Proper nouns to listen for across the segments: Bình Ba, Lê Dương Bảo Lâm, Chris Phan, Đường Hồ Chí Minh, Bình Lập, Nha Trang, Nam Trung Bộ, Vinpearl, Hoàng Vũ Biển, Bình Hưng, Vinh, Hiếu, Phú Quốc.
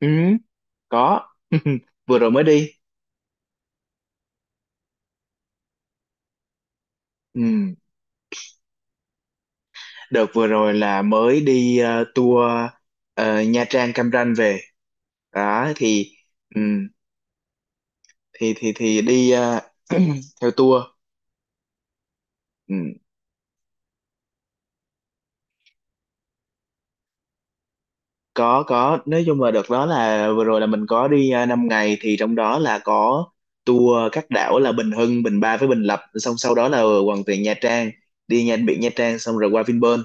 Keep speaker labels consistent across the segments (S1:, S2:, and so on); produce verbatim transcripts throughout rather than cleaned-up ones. S1: Ừ, có. Vừa rồi mới đi. Ừ. Đợt vừa rồi là mới đi ờ, tour ờ, Nha Trang Cam Ranh về. Đó thì ừ, thì thì thì đi ờ, theo tour. Ừ. Có có nói chung là đợt đó là vừa rồi là mình có đi uh, năm ngày, thì trong đó là có tour các đảo là Bình Hưng, Bình Ba với Bình Lập, xong sau đó là quần tiền Nha Trang, đi nha biển Nha Trang xong rồi qua Vinpearl.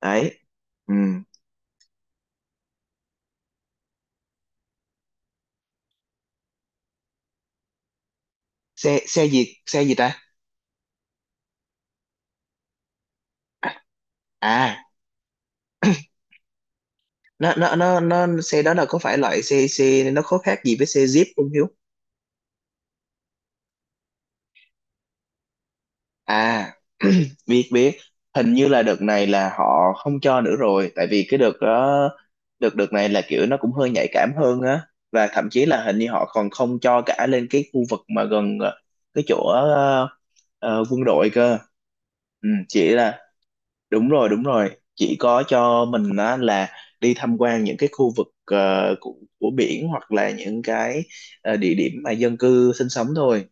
S1: Đấy. Ừ. Xe xe gì xe gì ta? À, nó nó nó nó xe đó là có phải loại xe xe nó có khác gì với xe Jeep không Hiếu? À, biết biết hình như là đợt này là họ không cho nữa rồi, tại vì cái đợt đó đợt đợt này là kiểu nó cũng hơi nhạy cảm hơn á, và thậm chí là hình như họ còn không cho cả lên cái khu vực mà gần ờ, cái chỗ ờ, ờ, quân đội cơ. Ừ, chỉ là đúng rồi, đúng rồi, chị có cho mình á là đi tham quan những cái khu vực ờ, của, của biển hoặc là những cái ờ, địa điểm mà dân cư sinh sống thôi.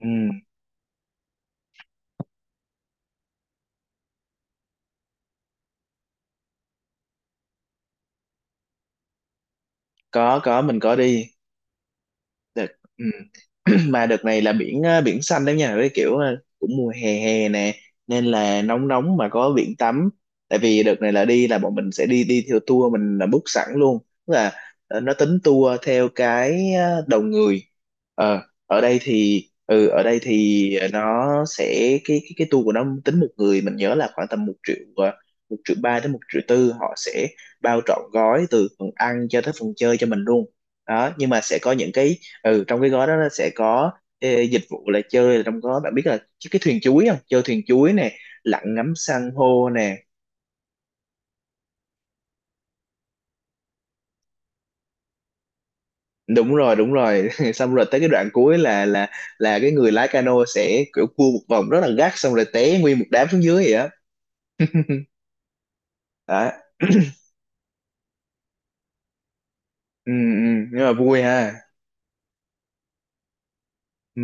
S1: Ừ, có có mình có đi đợt. Ừ. Mà đợt này là biển ờ, biển xanh đấy nha, với kiểu ờ, cũng mùa hè hè nè, nên là nóng nóng mà có biển tắm. Tại vì đợt này là đi, là bọn mình sẽ đi đi theo tour, mình là book sẵn luôn, tức là ờ, nó tính tour theo cái ờ, đầu người. Ờ ở đây thì ừ, ở đây thì nó sẽ, cái cái cái tour của nó tính một người mình nhớ là khoảng tầm một triệu, ờ, một triệu ba đến một triệu tư, họ sẽ bao trọn gói từ phần ăn cho tới phần chơi cho mình luôn. Đó, nhưng mà sẽ có những cái, ừ, trong cái gói đó nó sẽ có, ê, dịch vụ là chơi, là trong đó bạn biết là chứ cái thuyền chuối, không chơi thuyền chuối nè, lặn ngắm san hô nè. Đúng rồi, đúng rồi. Xong rồi tới cái đoạn cuối là là là cái người lái cano sẽ kiểu cua một vòng rất là gắt, xong rồi té nguyên một đám xuống dưới vậy á. Đó. Ừ, ừ, nhưng mà vui ha. Ừ.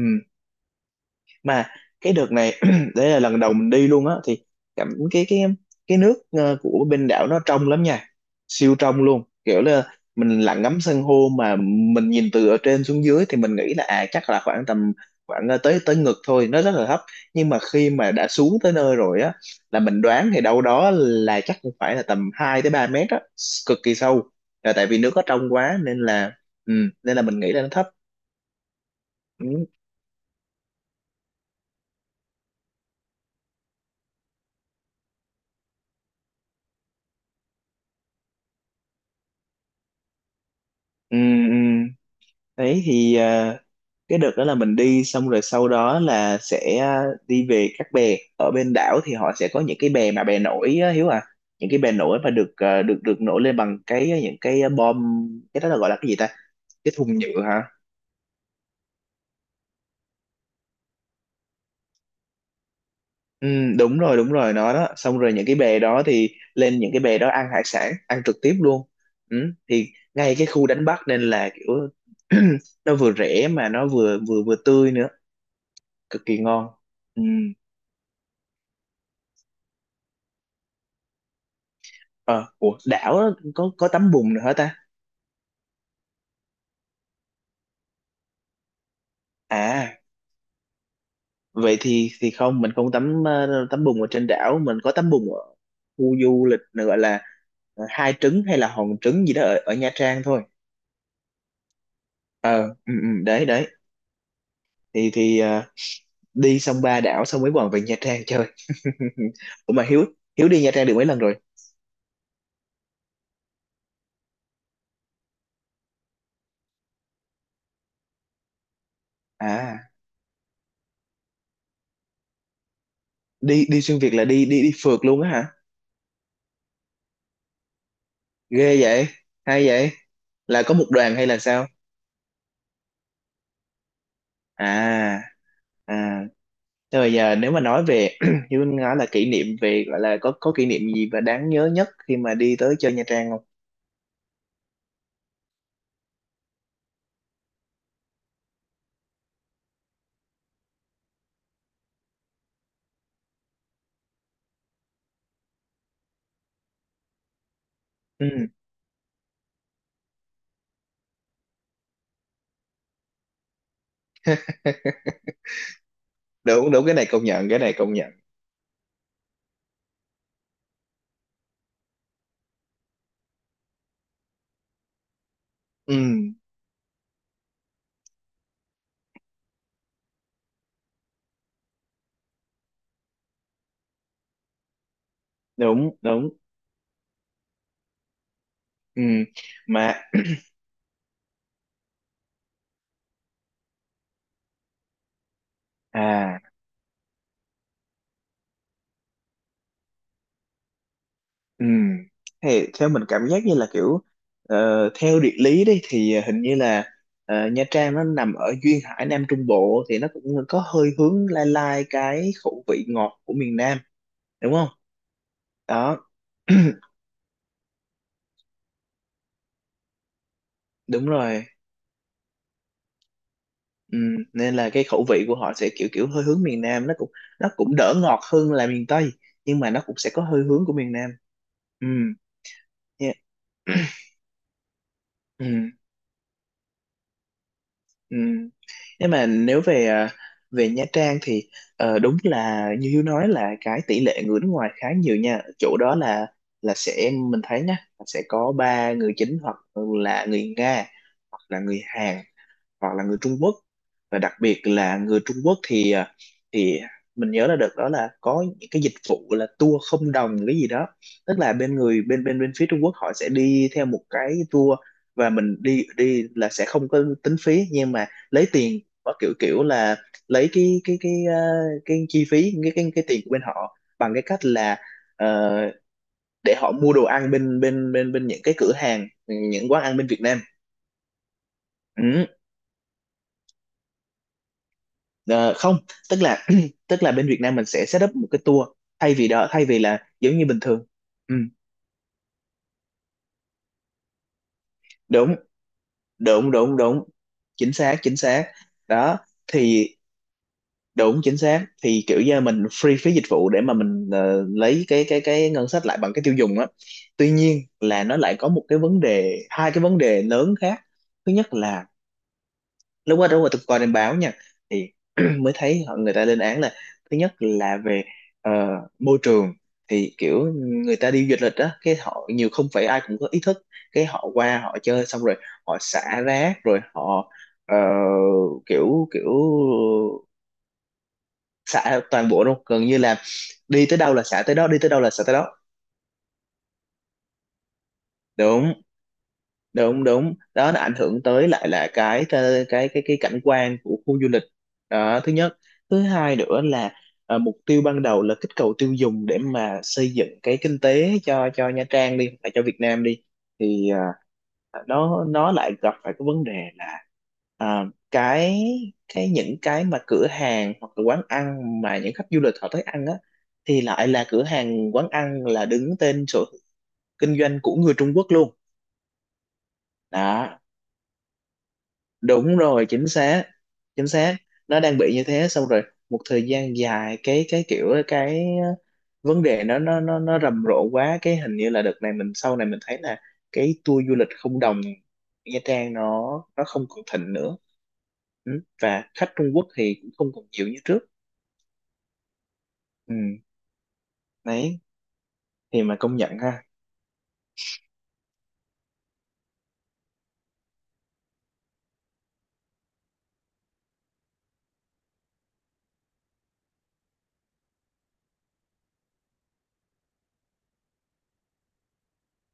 S1: Mà cái đợt này, đấy là lần đầu mình đi luôn á, thì cảm cái cái cái nước ờ, của bên đảo nó trong lắm nha, siêu trong luôn, kiểu là mình lặn ngắm san hô mà mình nhìn từ ở trên xuống dưới, thì mình nghĩ là à chắc là khoảng tầm, khoảng ờ, tới tới ngực thôi, nó rất là thấp. Nhưng mà khi mà đã xuống tới nơi rồi á, là mình đoán thì đâu đó là chắc cũng phải là tầm hai tới ba mét á, cực kỳ sâu, là tại vì nước nó trong quá nên là, ừ, nên là mình nghĩ là nó thấp. Ừ, ừ, ừ. Đấy thì ờ, cái đợt đó là mình đi xong rồi sau đó là sẽ à, đi về các bè ở bên đảo, thì họ sẽ có những cái bè mà bè nổi á, Hiếu à, những cái bè nổi mà được à, được được nổi lên bằng cái à, những cái à, bom, cái đó là gọi là cái gì ta, cái thùng nhựa hả? Ừ, đúng rồi, đúng rồi, nó đó, xong rồi những cái bè đó thì lên những cái bè đó ăn hải sản, ăn trực tiếp luôn. Ừ, thì ngay cái khu đánh bắt nên là kiểu, nó vừa rẻ mà nó vừa vừa vừa tươi nữa, cực kỳ ngon. Ừ. Ờ ủa, đảo đó có có tắm bùn nữa hả ta? À, vậy thì thì không, mình không tắm ờ, tắm bùn ở trên đảo, mình có tắm bùn ở khu du lịch này gọi là ờ, hai trứng hay là hòn trứng gì đó, ở, ở Nha Trang thôi. Ờ, ừ, ừ, đấy đấy. Thì thì ờ, đi xong ba đảo xong mới còn về Nha Trang chơi. Ủa mà Hiếu Hiếu đi Nha Trang được mấy lần rồi? À, đi đi xuyên Việt là đi đi đi phượt luôn á hả? Ghê vậy, hay vậy, là có một đoàn hay là sao? À, à. Rồi giờ nếu mà nói về như Vinh nói là kỷ niệm về, gọi là có có kỷ niệm gì mà đáng nhớ nhất khi mà đi tới chơi Nha Trang không? Ừ, đúng đúng, cái này công nhận, cái này công nhận. Ừ, đúng đúng. Ừ, mà à, ừ. Thì theo mình cảm giác như là kiểu ờ, theo địa lý đi thì hình như là ờ, Nha Trang nó nằm ở duyên hải Nam Trung Bộ, thì nó cũng có hơi hướng lai lai cái khẩu vị ngọt của miền Nam, đúng không? Đó. Đúng rồi. Ừ, nên là cái khẩu vị của họ sẽ kiểu kiểu hơi hướng miền Nam, nó cũng nó cũng đỡ ngọt hơn là miền Tây, nhưng mà nó cũng sẽ có hơi hướng của miền Nam. Ừ. Yeah. Ừ, ừ, nhưng mà nếu về à, về Nha Trang thì ờ, đúng là như Hiếu nói, là cái tỷ lệ người nước ngoài khá nhiều nha, chỗ đó là, là sẽ mình thấy nhá, là sẽ có ba người chính, hoặc là người Nga, hoặc là người Hàn, hoặc là người Trung Quốc. Và đặc biệt là người Trung Quốc thì à, thì mình nhớ là đợt đó là có những cái dịch vụ là tour không đồng cái gì đó, tức là bên người bên bên bên phía Trung Quốc họ sẽ đi theo một cái tour, và mình đi đi là sẽ không có tính phí, nhưng mà lấy tiền có kiểu kiểu là lấy cái cái cái ờ, cái chi phí, cái cái cái tiền của bên họ, bằng cái cách là ờ, để họ mua đồ ăn bên bên bên bên những cái cửa hàng, những quán ăn bên Việt Nam. Ừ. Ờ, không, tức là tức là bên Việt Nam mình sẽ set up một cái tour, thay vì đó, thay vì là giống như bình thường. Ừ, đúng đúng đúng đúng, chính xác chính xác. Đó thì đúng chính xác, thì kiểu như mình free phí dịch vụ để mà mình ờ, lấy cái cái cái ngân sách lại bằng cái tiêu dùng á. Tuy nhiên là nó lại có một cái vấn đề, hai cái vấn đề lớn khác. Thứ nhất là đúng rồi, đúng rồi, tôi coi trên báo nha, thì mới thấy họ- người ta lên án là, thứ nhất là về ờ, môi trường, thì kiểu người ta đi du lịch đó, cái họ nhiều không phải ai cũng có ý thức, cái họ qua họ chơi xong rồi họ xả rác rồi họ ờ, kiểu kiểu xả toàn bộ luôn, gần như là đi tới đâu là xả tới đó, đi tới đâu là xả tới đó, đúng đúng đúng. Đó, nó ảnh hưởng tới lại là cái cái cái cái, cái cảnh quan của khu du lịch, đó thứ nhất. Thứ hai nữa là ờ, mục tiêu ban đầu là kích cầu tiêu dùng để mà xây dựng cái kinh tế cho cho Nha Trang đi và cho Việt Nam đi, thì ờ, nó nó lại gặp phải cái vấn đề là, ờ, cái cái những cái mà cửa hàng hoặc là quán ăn mà những khách du lịch họ tới ăn á, thì lại là cửa hàng quán ăn là đứng tên sổ kinh doanh của người Trung Quốc luôn. Đó, đúng rồi, chính xác, chính xác, nó đang bị như thế. Xong rồi một thời gian dài, cái cái kiểu cái ờ, vấn đề nó nó nó nó rầm rộ quá, cái hình như là đợt này mình, sau này mình thấy là cái tour du lịch không đồng Nha Trang nó, nó không còn thịnh nữa. Ừ. Và khách Trung Quốc thì cũng không còn nhiều như trước. Ừ. Đấy, thì mà công nhận ha.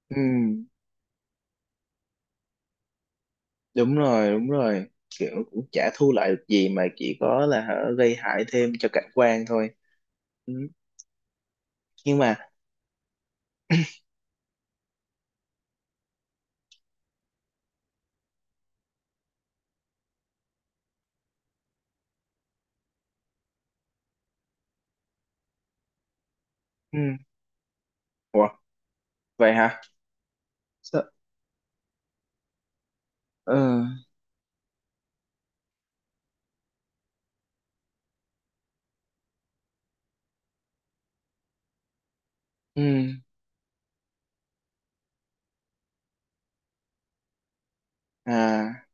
S1: Ừ. Đúng rồi, đúng rồi, kiểu cũng chả thu lại được gì mà chỉ có là hả, gây hại thêm cho cảnh quan thôi. Ừ. Nhưng mà, ừ. Vậy hả? Sợ- ờ ừ, à,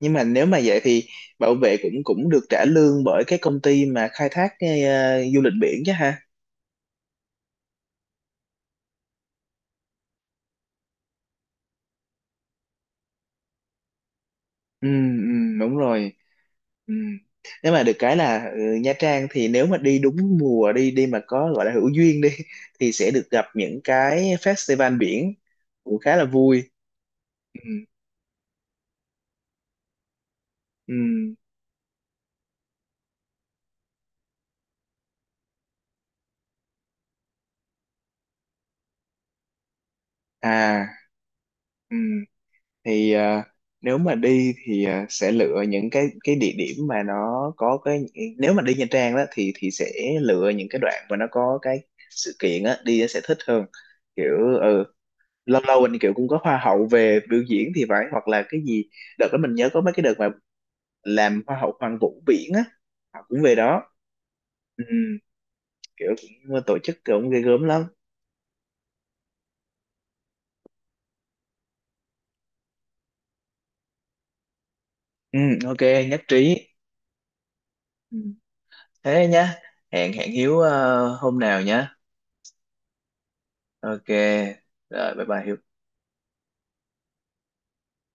S1: nhưng mà nếu mà vậy thì bảo vệ cũng cũng được trả lương bởi cái công ty mà khai thác cái ờ, du lịch biển chứ ha. Ừ, ừ, đúng rồi. Ừ. Nếu mà được cái là ừ, Nha Trang thì nếu mà đi đúng mùa đi, đi mà có gọi là hữu duyên đi, thì sẽ được gặp những cái festival biển, cũng khá là vui. Ừ, ừ. À, ừ. Thì à, nếu mà đi thì à, sẽ lựa những cái cái địa điểm mà nó có cái, nếu mà đi Nha Trang đó thì thì sẽ lựa những cái đoạn mà nó có cái sự kiện á đi, sẽ thích hơn. Kiểu ừ, lâu lâu mình kiểu cũng có hoa hậu về biểu diễn thì phải, hoặc là cái gì, đợt đó mình nhớ có mấy cái đợt mà làm hoa hậu Hoàng Vũ Biển á, họ cũng về đó. Ừ, kiểu cũng ờ, tổ chức cũng ghê gớm lắm. Ừ, ok, nhất trí. Ừ, thế nhá, hẹn hẹn Hiếu ờ, hôm nào nhá. Ok, rồi, bye bye Hiếu.